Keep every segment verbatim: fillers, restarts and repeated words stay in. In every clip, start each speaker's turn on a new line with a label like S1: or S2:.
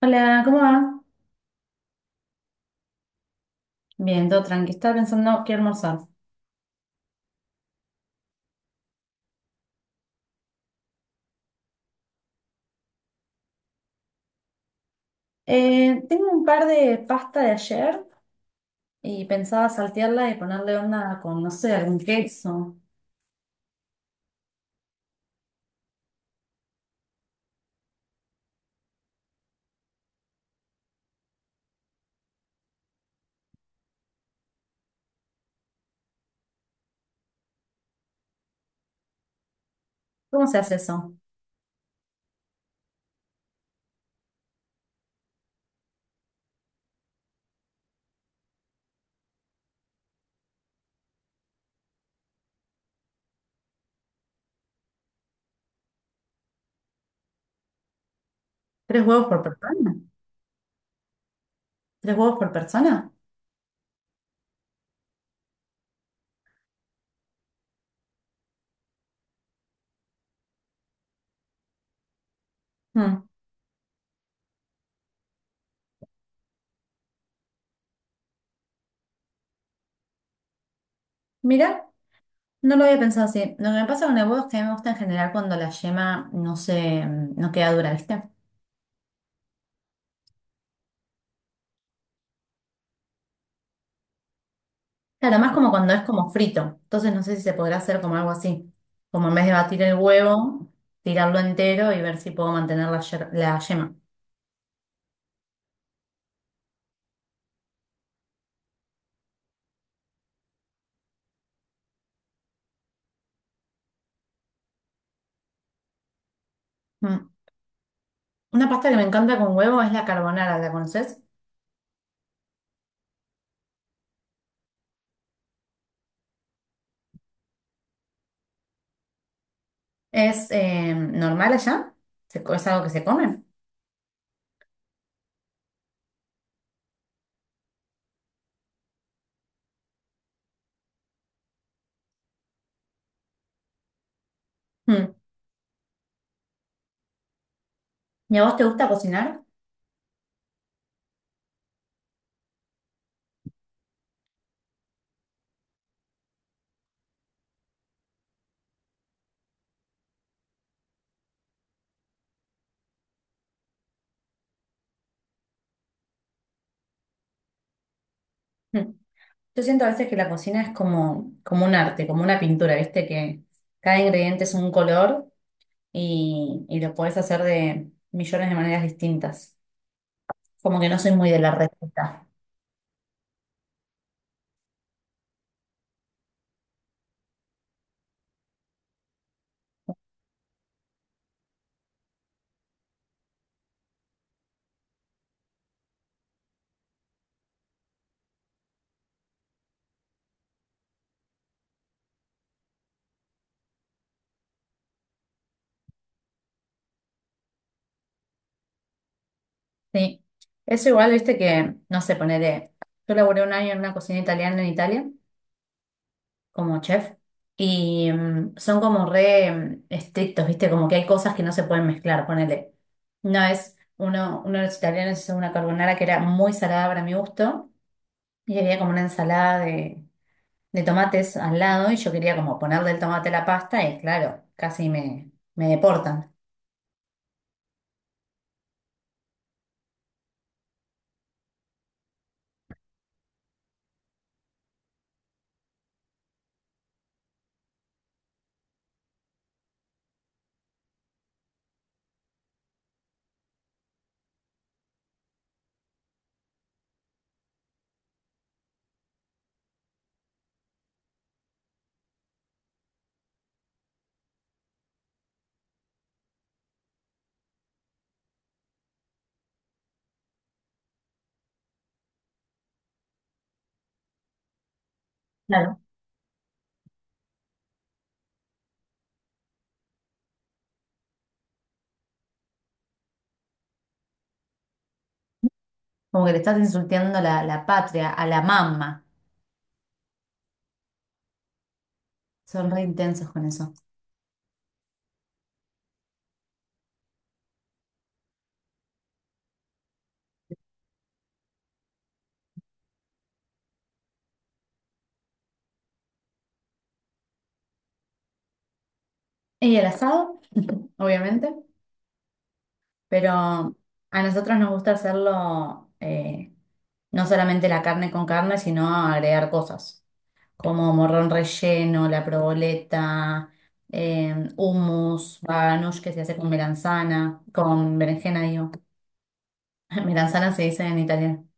S1: Hola, ¿cómo va? Bien, todo tranqui. Estaba pensando qué almorzar. Eh, tengo un par de pasta de ayer y pensaba saltearla y ponerle onda con, no sé, algún queso. ¿Cómo se hace eso? ¿Tres huevos por persona? ¿Tres huevos por persona? Hmm. Mira, no lo había pensado así. Lo que me pasa con el huevo es que a mí me gusta en general cuando la yema no se, no queda dura, ¿viste? Claro, más como cuando es como frito. Entonces no sé si se podrá hacer como algo así. Como en vez de batir el huevo, tirarlo entero y ver si puedo mantener la, yer- la yema. Mm. Una pasta que me encanta con huevo es la carbonara, ¿la conoces? ¿Es eh, normal allá? ¿Se co- ¿Es algo que se come? Mm. ¿Y a vos te gusta cocinar? Mm. Yo siento a veces que la cocina es como, como un arte, como una pintura, ¿viste? Que cada ingrediente es un color y, y lo podés hacer de millones de maneras distintas. Como que no soy muy de la receta. Sí. Eso igual, viste que, no sé, ponele. Yo laburé un año en una cocina italiana en Italia, como chef, y mm, son como re mm, estrictos, viste, como que hay cosas que no se pueden mezclar, ponele. Una vez uno, uno de los italianos hizo una carbonara que era muy salada para mi gusto, y había como una ensalada de, de tomates al lado, y yo quería como ponerle el tomate a la pasta, y claro, casi me, me deportan. Claro. Como que le estás insultando la, la patria, a la mamá. Son re intensos con eso. Y el asado, obviamente, pero a nosotros nos gusta hacerlo eh, no solamente la carne con carne, sino agregar cosas como morrón relleno, la proboleta, eh, hummus, baganush que se hace con melanzana, con berenjena, digo. Melanzana se dice en italiano.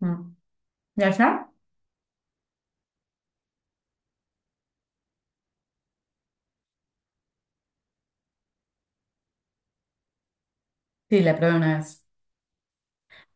S1: Mm. ¿De allá? Sí, la probé una vez.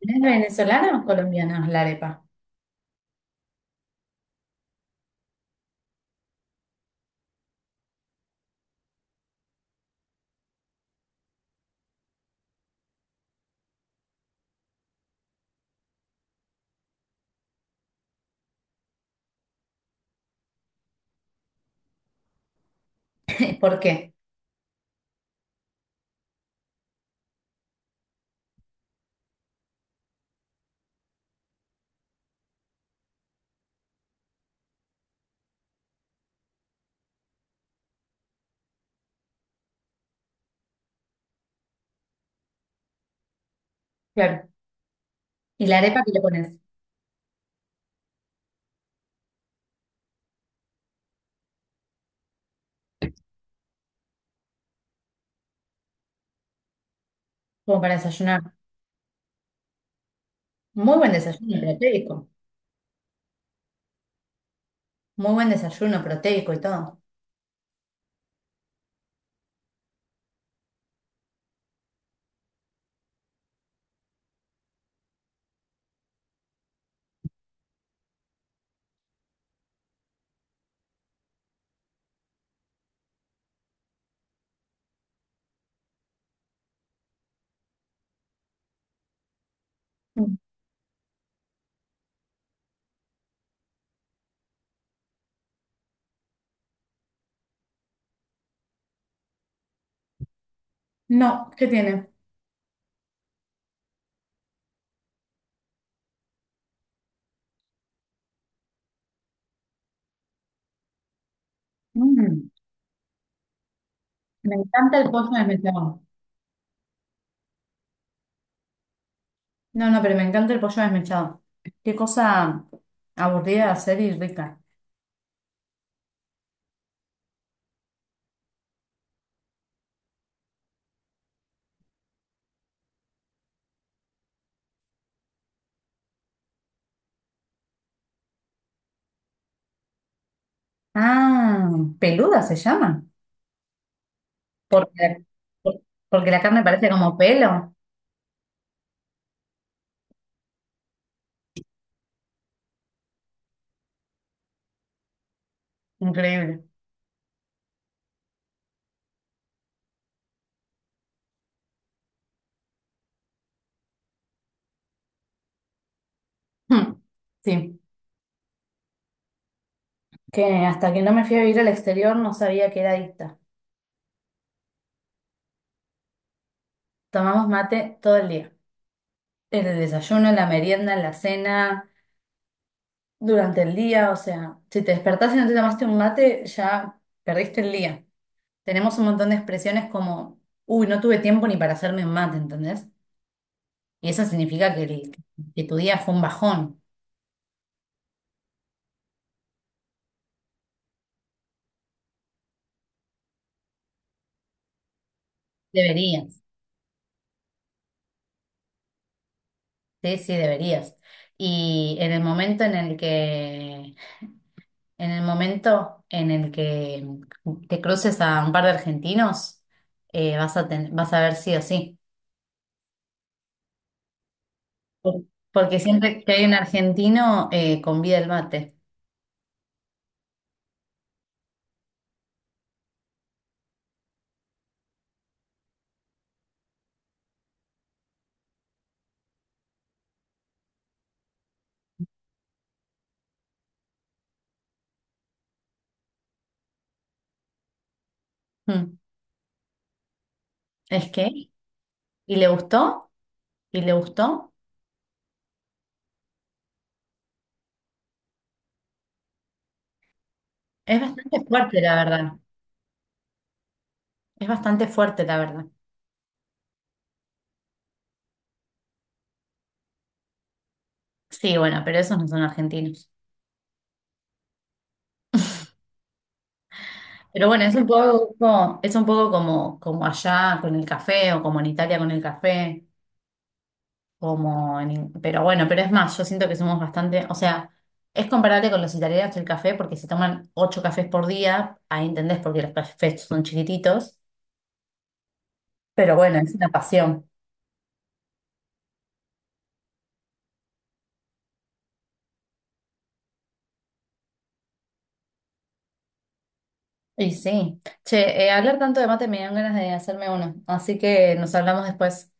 S1: ¿Es venezolana o colombiana la arepa? Eh, ¿Por qué? Claro. ¿Y la arepa que le pones? Como para desayunar. Muy buen desayuno proteico. Muy buen desayuno proteico y todo. Mm. No, ¿qué tiene? Mm, me encanta el pollo desmechado. No, no, pero me encanta el pollo desmechado. Qué cosa aburrida de hacer y rica. Ah, peluda se llama. Porque, porque la carne parece como pelo. Increíble. Mm. Sí, que hasta que no me fui a vivir al exterior no sabía que era adicta. Tomamos mate todo el día. En el desayuno, en la merienda, en la cena. Durante el día, o sea, si te despertás y no te tomaste un mate, ya perdiste el día. Tenemos un montón de expresiones como, uy, no tuve tiempo ni para hacerme un mate, ¿entendés? Y eso significa que, el- que tu día fue un bajón. Deberías, sí, sí, deberías. Y en el momento en el que, en el momento en el que te cruces a un par de argentinos, eh, vas a ten- vas a ver sí o sí. Porque siempre que hay un argentino, eh, convida el mate. Mm. Es que, y le gustó, y le gustó. Es bastante fuerte, la verdad. Es bastante fuerte, la verdad. Sí, bueno, pero esos no son argentinos. Pero bueno, es un poco, es un poco como, como allá con el café, o como en Italia con el café, como en- pero bueno, pero es más, yo siento que somos bastante, o sea, es comparable con los italianos el café, porque se toman ocho cafés por día, ahí entendés porque los cafés son chiquititos, pero bueno, es una pasión. Y sí. Che, eh, hablar tanto de mate me dan ganas de hacerme uno, así que nos hablamos después.